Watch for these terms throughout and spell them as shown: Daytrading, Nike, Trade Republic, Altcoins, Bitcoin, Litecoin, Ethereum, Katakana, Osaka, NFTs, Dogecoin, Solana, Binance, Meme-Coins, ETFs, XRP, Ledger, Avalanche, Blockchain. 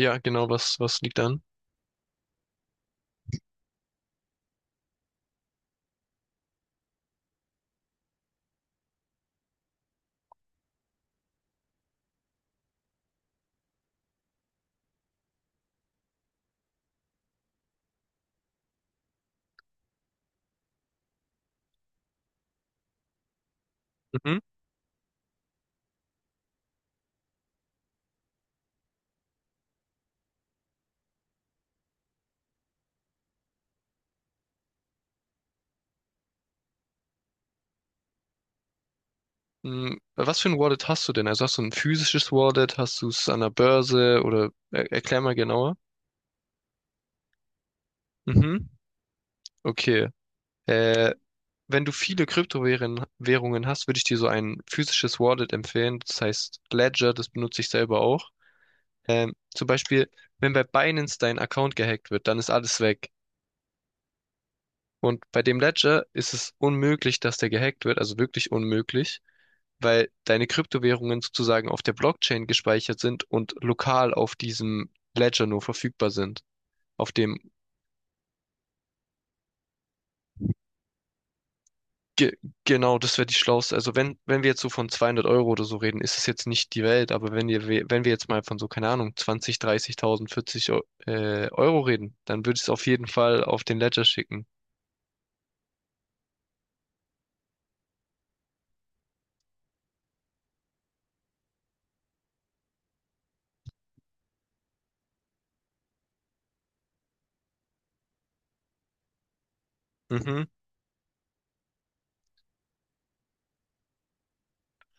Ja, genau, was liegt an? Mhm. Was für ein Wallet hast du denn? Also hast du ein physisches Wallet? Hast du es an der Börse? Oder er erklär mal genauer. Mhm. Okay. Äh, Wenn du viele Kryptowährungen Währungen hast, würde ich dir so ein physisches Wallet empfehlen. Das heißt Ledger, das benutze ich selber auch. Zum Beispiel, wenn bei Binance dein Account gehackt wird, dann ist alles weg. Und bei dem Ledger ist es unmöglich, dass der gehackt wird, also wirklich unmöglich, weil deine Kryptowährungen sozusagen auf der Blockchain gespeichert sind und lokal auf diesem Ledger nur verfügbar sind, auf dem Ge Genau, das wäre die schlauste. Also wenn wir jetzt so von 200 Euro oder so reden, ist es jetzt nicht die Welt, aber wenn wir jetzt mal von so, keine Ahnung, 20 30.000, 40 Euro reden, dann würde ich es auf jeden Fall auf den Ledger schicken. Mhm.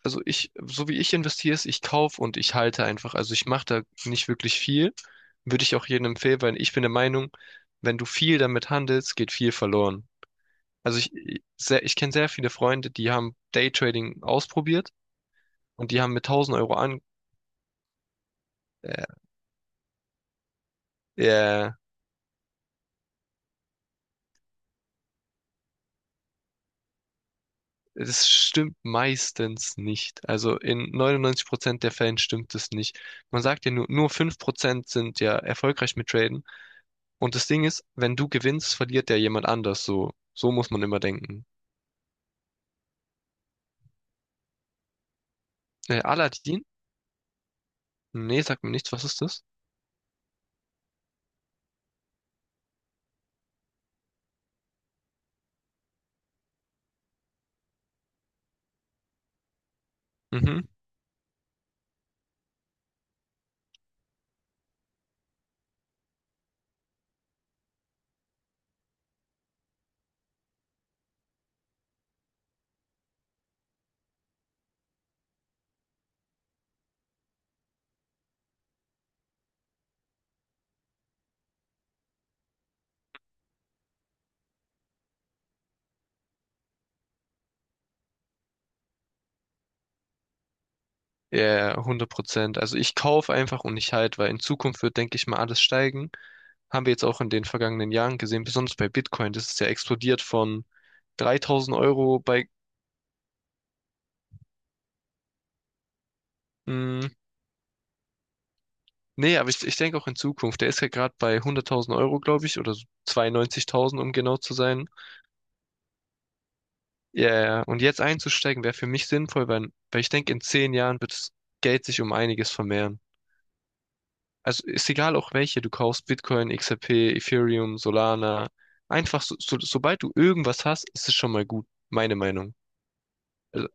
Also so wie ich investiere, ist, ich kaufe und ich halte einfach. Also ich mache da nicht wirklich viel. Würde ich auch jedem empfehlen, weil ich bin der Meinung, wenn du viel damit handelst, geht viel verloren. Also ich kenne sehr viele Freunde, die haben Daytrading ausprobiert und die haben mit 1.000 Euro an, äh, Ja, das stimmt meistens nicht. Also in 99% der Fällen stimmt es nicht. Man sagt ja nur 5% sind ja erfolgreich mit Traden. Und das Ding ist, wenn du gewinnst, verliert ja jemand anders. So muss man immer denken. Aladdin? Nee, sagt mir nichts. Was ist das? Mhm. Ja, 100%. Also ich kaufe einfach und ich halt weil in Zukunft wird, denke ich mal, alles steigen. Haben wir jetzt auch in den vergangenen Jahren gesehen, besonders bei Bitcoin. Das ist ja explodiert von 3000 Euro bei hm, Nee, aber ich denke auch in Zukunft. Der ist ja gerade bei 100.000 Euro, glaube ich, oder so 92.000, um genau zu sein. Ja, ja. Ja. Und jetzt einzusteigen wäre für mich sinnvoll, weil ich denke, in 10 Jahren wird das Geld sich um einiges vermehren. Also ist egal auch welche, du kaufst Bitcoin, XRP, Ethereum, Solana. Einfach, sobald du irgendwas hast, ist es schon mal gut, meine Meinung. Also,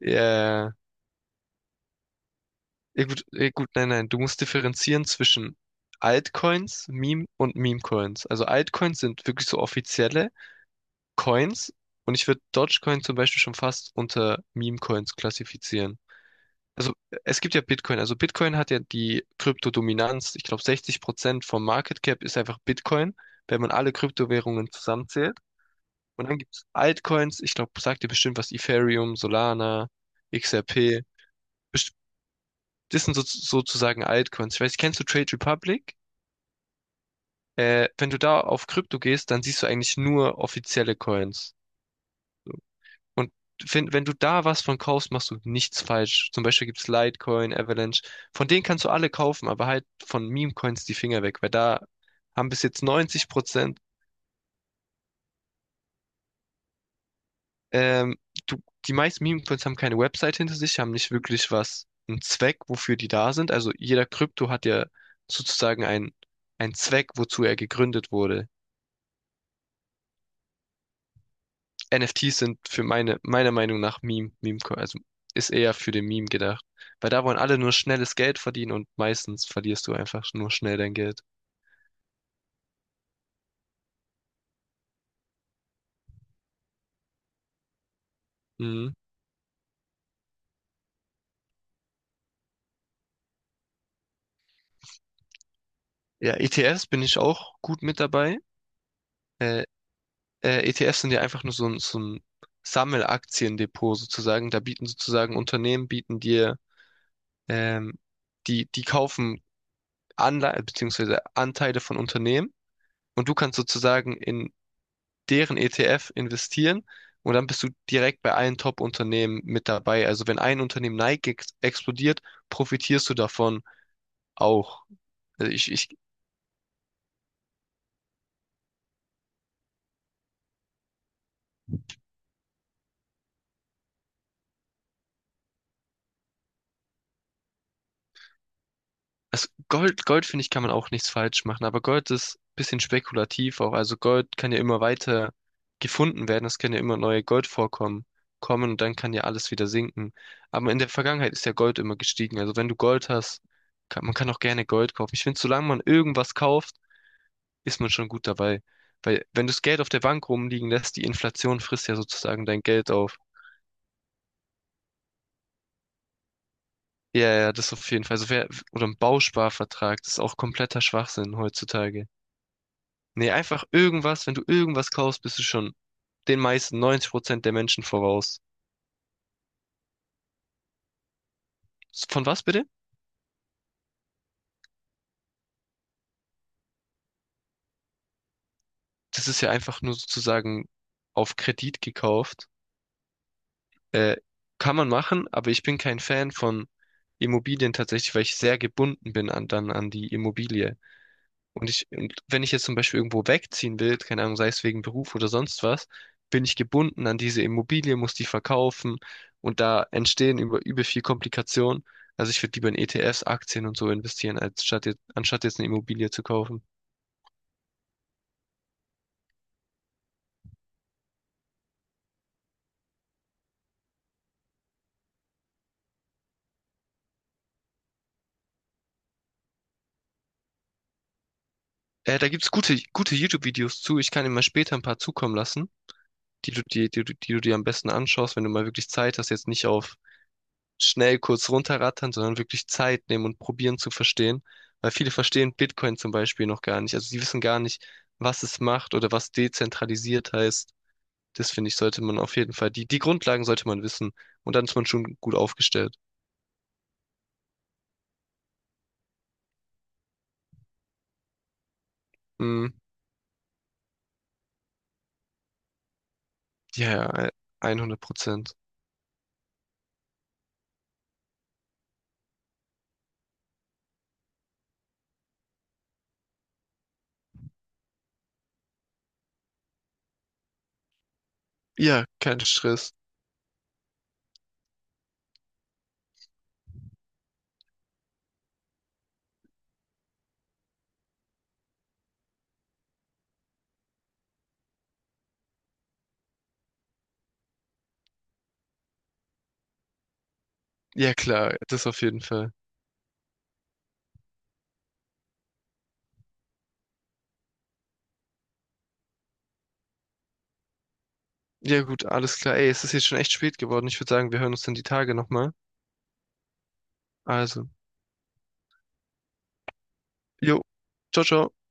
ja, ja, ja, gut, ja, gut, nein, nein, du musst differenzieren zwischen Altcoins, Meme und Meme-Coins. Also Altcoins sind wirklich so offizielle. Coins und ich würde Dogecoin zum Beispiel schon fast unter Meme-Coins klassifizieren. Also es gibt ja Bitcoin. Also Bitcoin hat ja die Kryptodominanz. Ich glaube, 60% vom Market Cap ist einfach Bitcoin, wenn man alle Kryptowährungen zusammenzählt. Und dann gibt's Altcoins. Ich glaube, sagt ihr bestimmt was, Ethereum, Solana, XRP. Best- Das sind so, sozusagen Altcoins. Ich weiß, kennst du Trade Republic? Wenn du da auf Krypto gehst, dann siehst du eigentlich nur offizielle Coins. Und wenn du da was von kaufst, machst du nichts falsch. Zum Beispiel gibt's Litecoin, Avalanche. Von denen kannst du alle kaufen, aber halt von Meme-Coins die Finger weg, weil da haben bis jetzt 90%, ähm, du, die meisten Meme-Coins haben keine Website hinter sich, haben nicht wirklich was, einen Zweck, wofür die da sind. Also jeder Krypto hat ja sozusagen einen Zweck, wozu er gegründet wurde. NFTs sind für meiner Meinung nach Meme, Meme, also ist eher für den Meme gedacht. Weil da wollen alle nur schnelles Geld verdienen und meistens verlierst du einfach nur schnell dein Geld. Mhm. Ja, ETFs bin ich auch gut mit dabei. Äh, ETFs sind ja einfach nur so ein Sammelaktiendepot sozusagen. Da bieten sozusagen Unternehmen, bieten dir, ähm, die, die kaufen Anleihen beziehungsweise Anteile von Unternehmen und du kannst sozusagen in deren ETF investieren und dann bist du direkt bei allen Top-Unternehmen mit dabei. Also wenn ein Unternehmen Nike ex explodiert, profitierst du davon auch. Also ich, ich, also Gold, Gold finde ich, kann man auch nichts falsch machen, aber Gold ist ein bisschen spekulativ auch. Also Gold kann ja immer weiter gefunden werden, es können ja immer neue Goldvorkommen kommen und dann kann ja alles wieder sinken. Aber in der Vergangenheit ist ja Gold immer gestiegen. Also wenn du Gold hast, kann, man kann auch gerne Gold kaufen. Ich finde, solange man irgendwas kauft, ist man schon gut dabei. Weil wenn du das Geld auf der Bank rumliegen lässt, die Inflation frisst ja sozusagen dein Geld auf. Ja, ja, das auf jeden Fall. Also oder ein Bausparvertrag, das ist auch kompletter Schwachsinn heutzutage. Nee, einfach irgendwas, wenn du irgendwas kaufst, bist du schon den meisten 90% der Menschen voraus. Von was bitte? Das ist ja einfach nur sozusagen auf Kredit gekauft. Äh, Kann man machen, aber ich bin kein Fan von Immobilien tatsächlich, weil ich sehr gebunden bin an die Immobilie. Und wenn ich jetzt zum Beispiel irgendwo wegziehen will, keine Ahnung, sei es wegen Beruf oder sonst was, bin ich gebunden an diese Immobilie, muss die verkaufen und da entstehen über viel Komplikationen. Also ich würde lieber in ETFs, Aktien und so investieren, anstatt jetzt eine Immobilie zu kaufen. Da gibt's gute, gute YouTube-Videos zu. Ich kann dir mal später ein paar zukommen lassen, die du dir am besten anschaust, wenn du mal wirklich Zeit hast, jetzt nicht auf schnell kurz runterrattern, sondern wirklich Zeit nehmen und probieren zu verstehen. Weil viele verstehen Bitcoin zum Beispiel noch gar nicht. Also sie wissen gar nicht, was es macht oder was dezentralisiert heißt. Das finde ich, sollte man auf jeden Fall, die Grundlagen sollte man wissen. Und dann ist man schon gut aufgestellt. Mm, ja, ja, 100%. Ja, kein Stress. Ja, klar, das auf jeden Fall. Ja, gut, alles klar. Ey, es ist jetzt schon echt spät geworden. Ich würde sagen, wir hören uns dann die Tage nochmal. Also, jo, ciao, ciao.